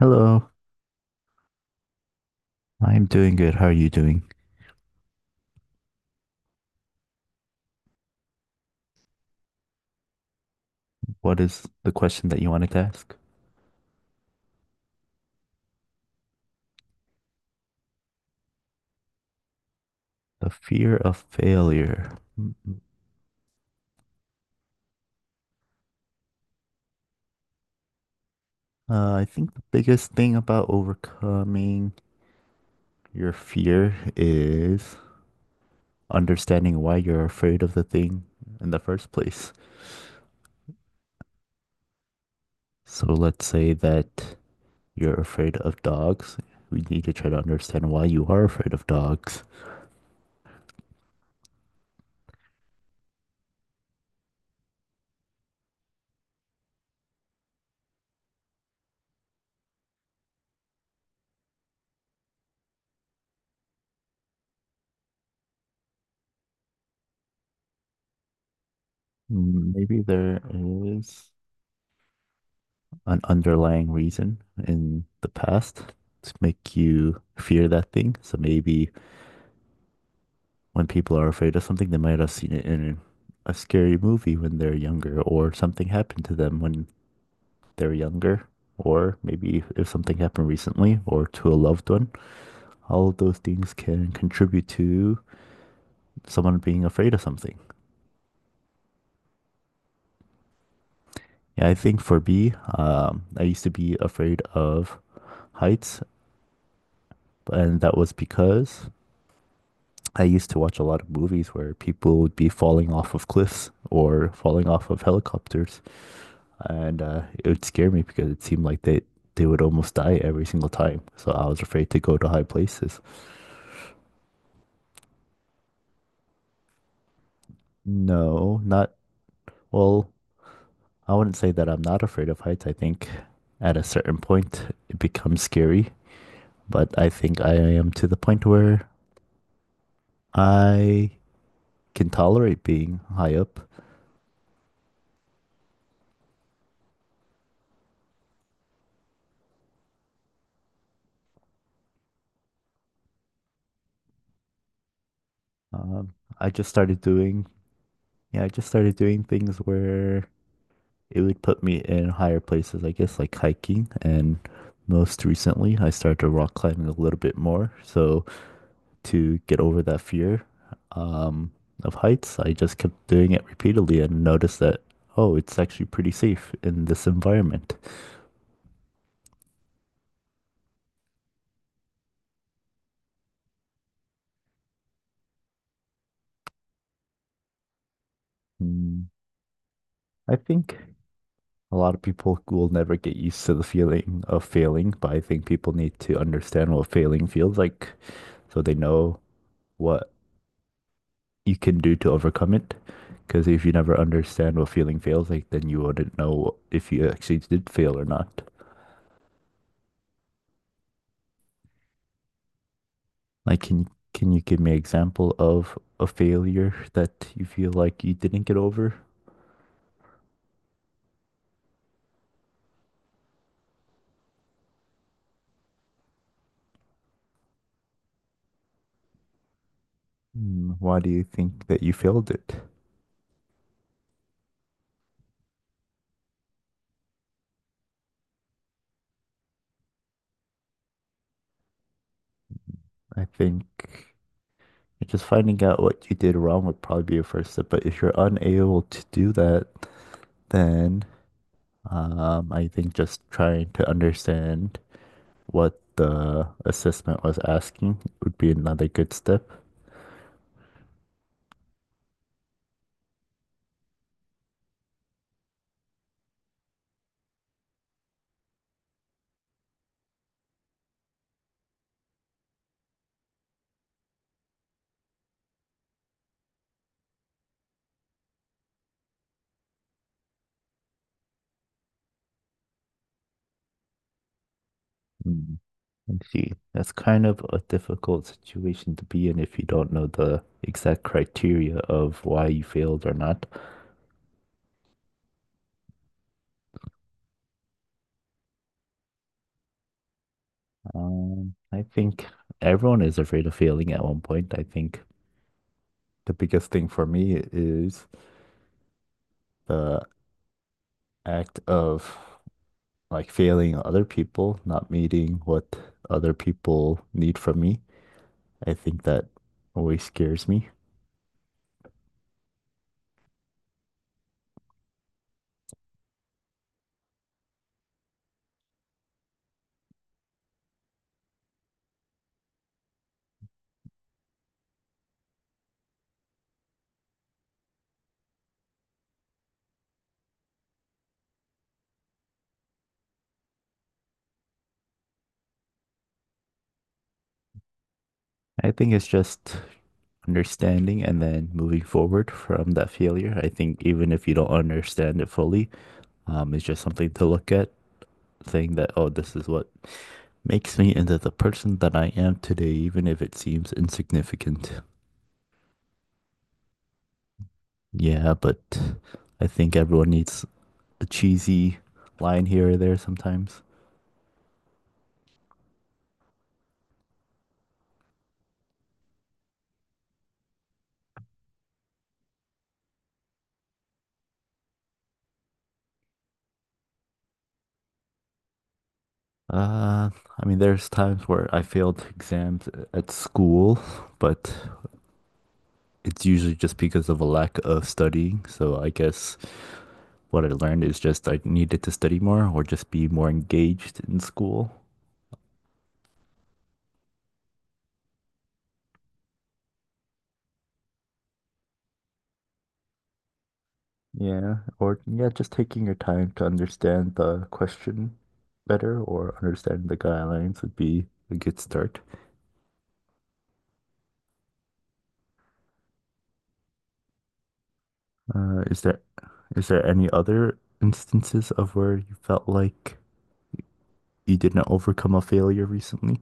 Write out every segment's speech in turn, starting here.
Hello, I'm doing good. How are you doing? What is the question that you wanted to ask? The fear of failure. Mm, mm. I think the biggest thing about overcoming your fear is understanding why you're afraid of the thing in the first place. So let's say that you're afraid of dogs. We need to try to understand why you are afraid of dogs. Mm, maybe there is an underlying reason in the past to make you fear that thing. So maybe when people are afraid of something, they might have seen it in a scary movie when they're younger, or something happened to them when they're younger, or maybe if something happened recently or to a loved one. All of those things can contribute to someone being afraid of something. Yeah, I think for me, I used to be afraid of heights, and that was because I used to watch a lot of movies where people would be falling off of cliffs or falling off of helicopters, and it would scare me because it seemed like they would almost die every single time. So I was afraid to go to high places. No, not well. I wouldn't say that I'm not afraid of heights. I think at a certain point it becomes scary, but I think I am to the point where I can tolerate being high up. Um, I just started doing, yeah, I just started doing things where it would put me in higher places, I guess, like hiking. And most recently, I started to rock climbing a little bit more. So to get over that fear um, of heights, I just kept doing it repeatedly and noticed that, oh, it's actually pretty safe in this environment. Mm, I think a lot of people will never get used to the feeling of failing, but I think people need to understand what failing feels like so they know what you can do to overcome it. Because if you never understand what feeling feels like, then you wouldn't know if you actually did fail or not. Like, can you give me an example of a failure that you feel like you didn't get over? Hmm, why do you think that you failed it? I think just finding out what you did wrong would probably be a first step. But if you're unable to do that, then I think just trying to understand what the assessment was asking would be another good step. Hmm, let's see. That's kind of a difficult situation to be in if you don't know the exact criteria of why you failed or not. I think everyone is afraid of failing at one point. I think the biggest thing for me is the act of like failing other people, not meeting what other people need from me. I think that always scares me. I think it's just understanding and then moving forward from that failure. I think even if you don't understand it fully, it's just something to look at, saying that, oh, this is what makes me into the person that I am today, even if it seems insignificant. Yeah, but I think everyone needs a cheesy line here or there sometimes. Uh, I mean, there's times where I failed exams at school, but it's usually just because of a lack of studying. So I guess what I learned is just I needed to study more or just be more engaged in school. Yeah, or yeah, just taking your time to understand the question better or understand the guidelines would be a good start. Uh, is there is there any other instances of where you felt like you didn't overcome a failure recently?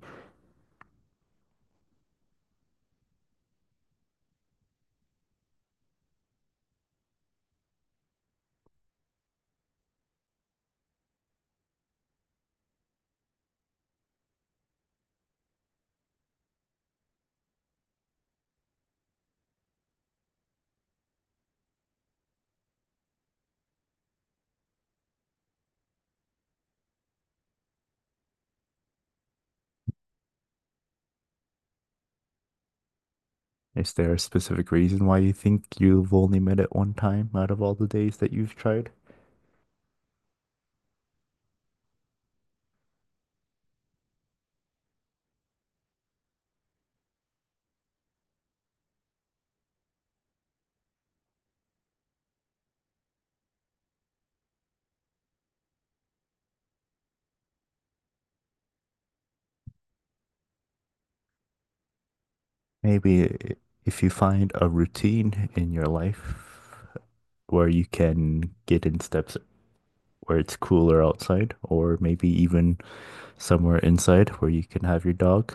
Is there a specific reason why you think you've only met it one time out of all the days that you've tried? Maybe i- if you find a routine in your life where you can get in steps where it's cooler outside, or maybe even somewhere inside where you can have your dog,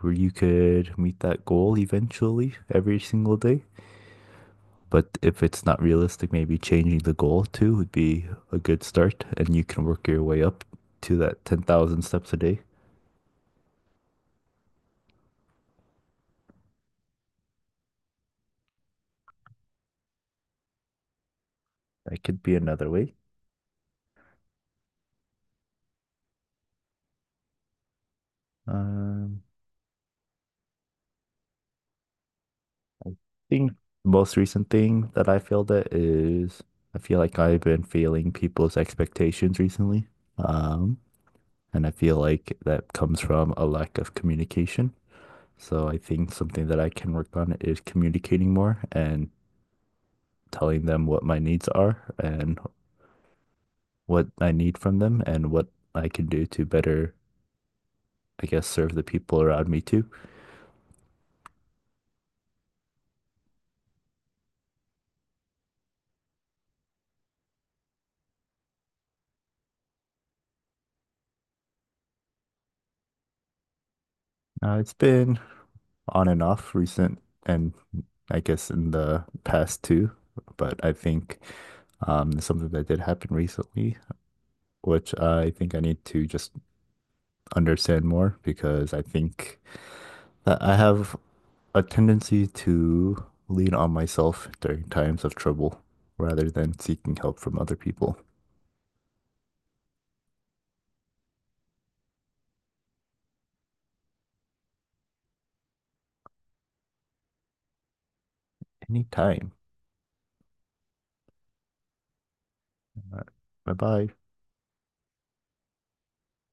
where you could meet that goal eventually every single day. But if it's not realistic, maybe changing the goal too would be a good start, and you can work your way up to that 10,000 steps a day. That could be another way. Um, thing, the most recent thing that I failed at is I feel like I've been failing people's expectations recently. Um, and I feel like that comes from a lack of communication. So I think something that I can work on is communicating more and telling them what my needs are and what I need from them and what I can do to better, I guess, serve the people around me too. It's been on and off recent and I guess in the past too, but I think something that did happen recently, which I think I need to just understand more because I think that I have a tendency to lean on myself during times of trouble rather than seeking help from other people. Anytime. All right. Bye bye.